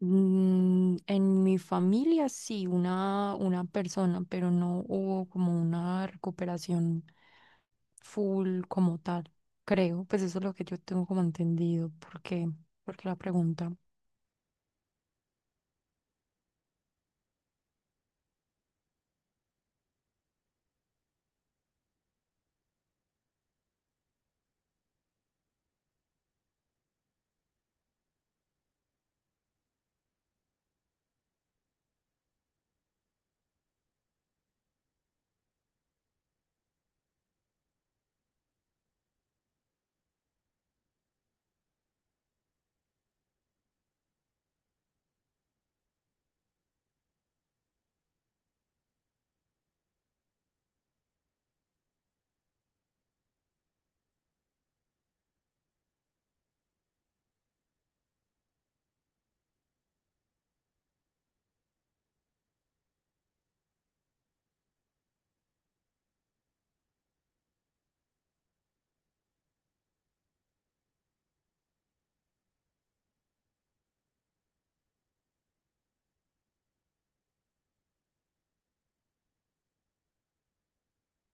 En mi familia sí, una persona, pero no hubo como una recuperación full como tal, creo. Pues eso es lo que yo tengo como entendido. ¿Por qué? Porque la pregunta.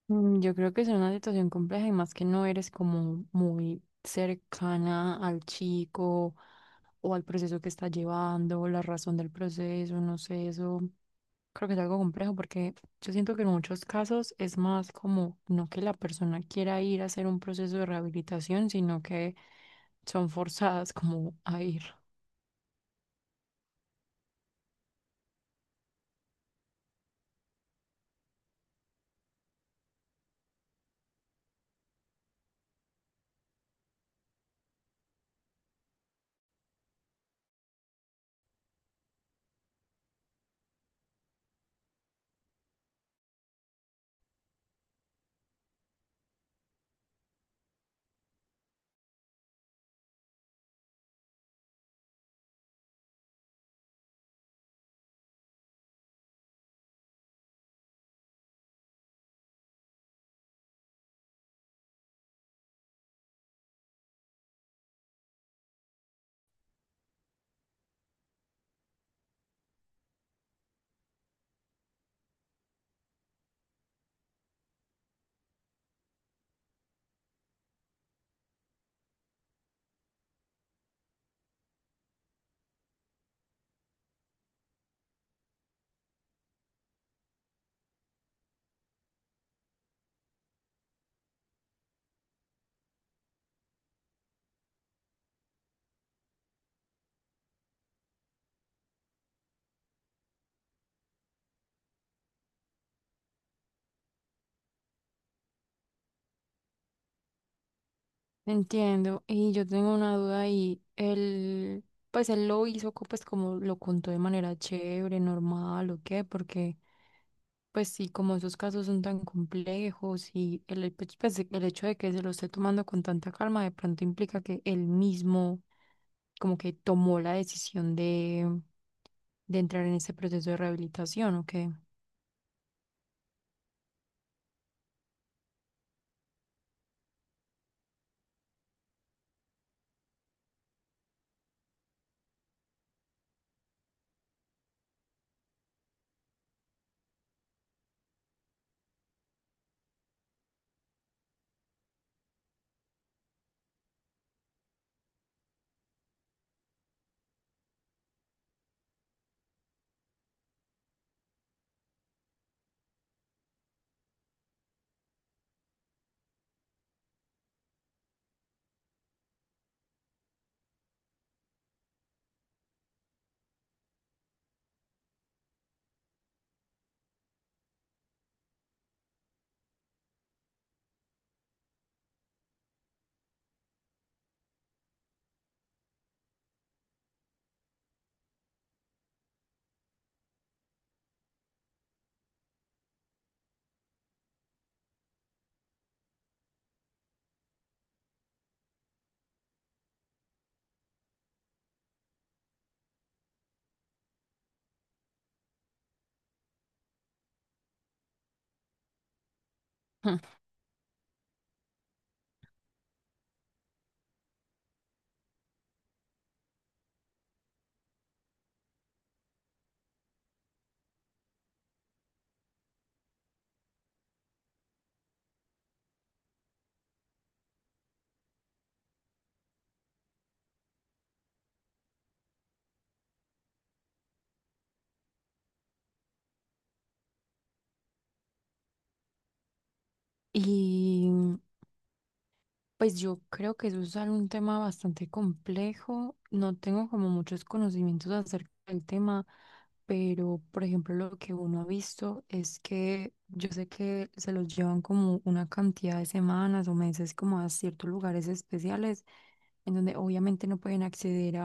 Yo creo que es una situación compleja y más que no eres como muy cercana al chico o al proceso que está llevando, la razón del proceso, no sé, eso. Creo que es algo complejo porque yo siento que en muchos casos es más como no que la persona quiera ir a hacer un proceso de rehabilitación, sino que son forzadas como a ir. Entiendo, y yo tengo una duda y él, pues él lo hizo pues como lo contó de manera chévere, normal o qué, porque pues sí, como esos casos son tan complejos y el el hecho de que se lo esté tomando con tanta calma de pronto implica que él mismo como que tomó la decisión de entrar en ese proceso de rehabilitación o qué. Y pues yo creo que eso es algo- un tema bastante complejo. No tengo como muchos conocimientos acerca del tema, pero por ejemplo lo que uno ha visto es que yo sé que se los llevan como una cantidad de semanas o meses como a ciertos lugares especiales en donde obviamente no pueden acceder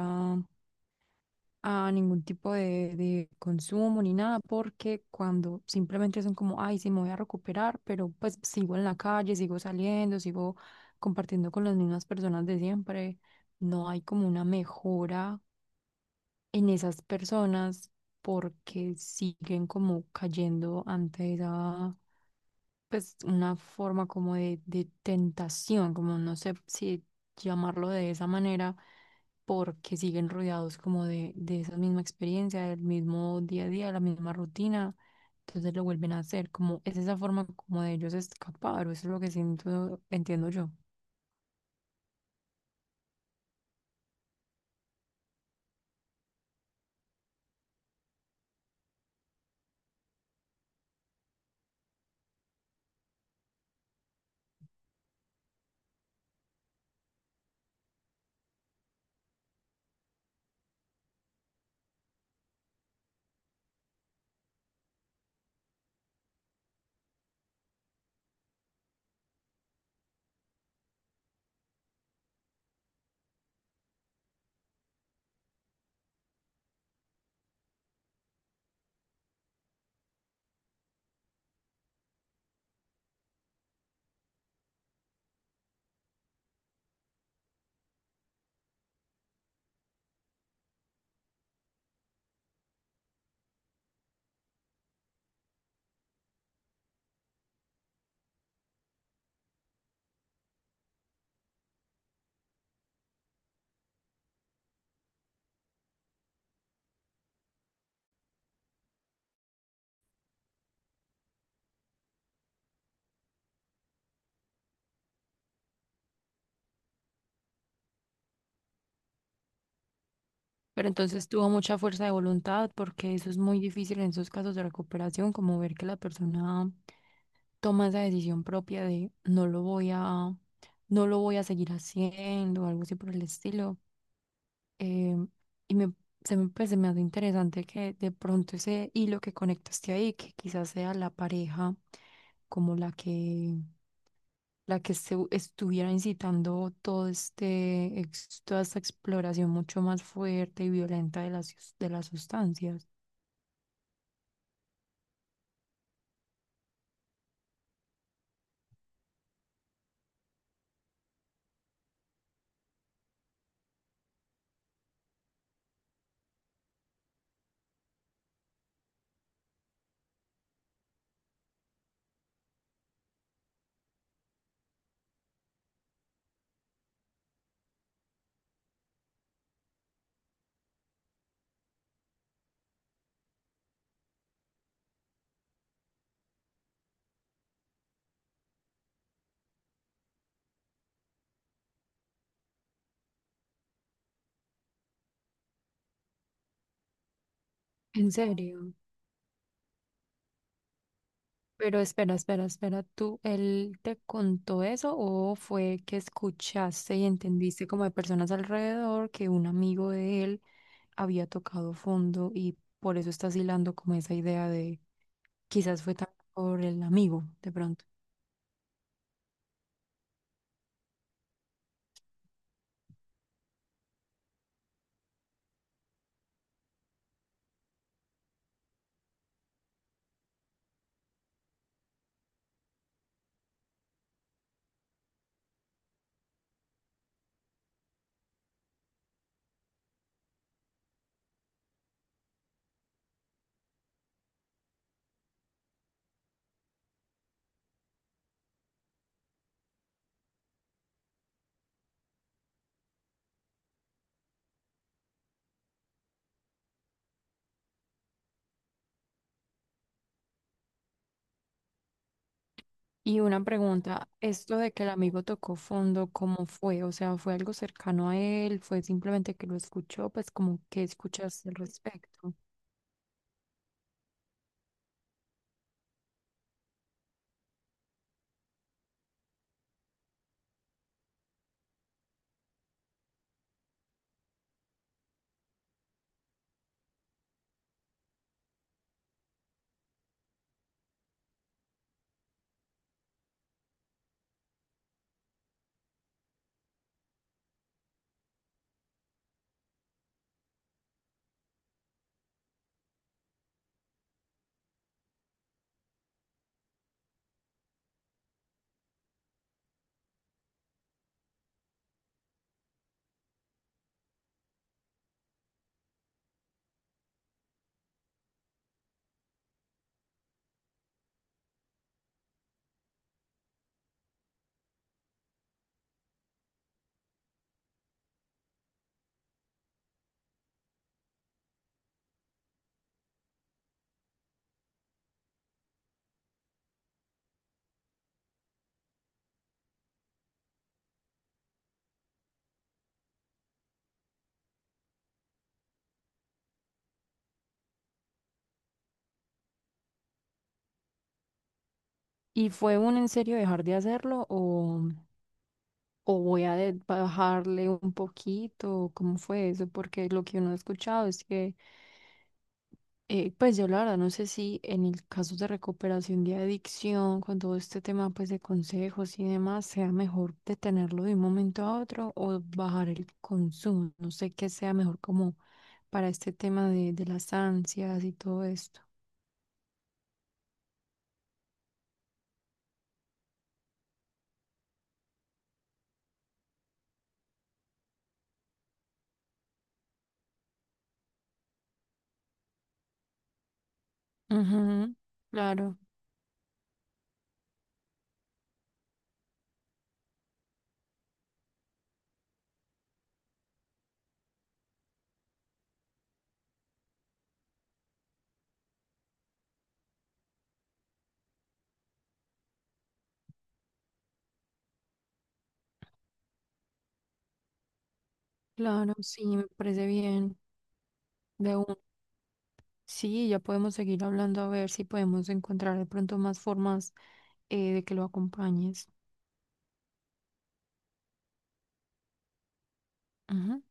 a ningún tipo de consumo ni nada, porque cuando simplemente son como, ay, sí, me voy a recuperar, pero pues sigo en la calle, sigo saliendo, sigo compartiendo con las mismas personas de siempre, no hay como una mejora en esas personas porque siguen como cayendo ante esa, pues, una forma como de tentación, como no sé si llamarlo de esa manera, porque siguen rodeados como de esa misma experiencia, del mismo día a día, la misma rutina, entonces lo vuelven a hacer, como es esa forma como de ellos escapar, o eso es lo que siento, entiendo yo. Pero entonces tuvo mucha fuerza de voluntad, porque eso es muy difícil en esos casos de recuperación, como ver que la persona toma esa decisión propia de no lo voy a, no lo voy a seguir haciendo, algo así por el estilo. Eh, y me, se me, pues, se me hace interesante que de pronto ese hilo que conectaste ahí, que quizás sea la pareja como la que se, estuviera incitando todo este, toda esta exploración mucho más fuerte y violenta de las, de las sustancias. ¿En serio? Pero espera, espera, espera, ¿tú, él te contó eso o fue que escuchaste y entendiste como de personas alrededor que un amigo de él había tocado fondo y por eso estás hilando como esa idea de quizás fue también por el amigo de pronto? Y una pregunta, esto de que el amigo tocó fondo, ¿cómo fue? O sea, ¿fue algo cercano a él? ¿Fue simplemente que lo escuchó? Pues como que escuchaste al respecto. ¿Y fue un en serio dejar de hacerlo o...? O voy a bajarle un poquito, ¿cómo fue eso? Porque lo que uno ha escuchado es que, pues yo la verdad no sé si en el caso de recuperación de adicción, con todo este tema pues de consejos y demás, sea mejor detenerlo de un momento a otro o bajar el consumo. No sé qué sea mejor como para este tema de las ansias y todo esto. Ujú. Claro, claro, sí, me parece bien. De una. Sí, ya podemos seguir hablando a ver si podemos encontrar de pronto más formas, de que lo acompañes. Ujú.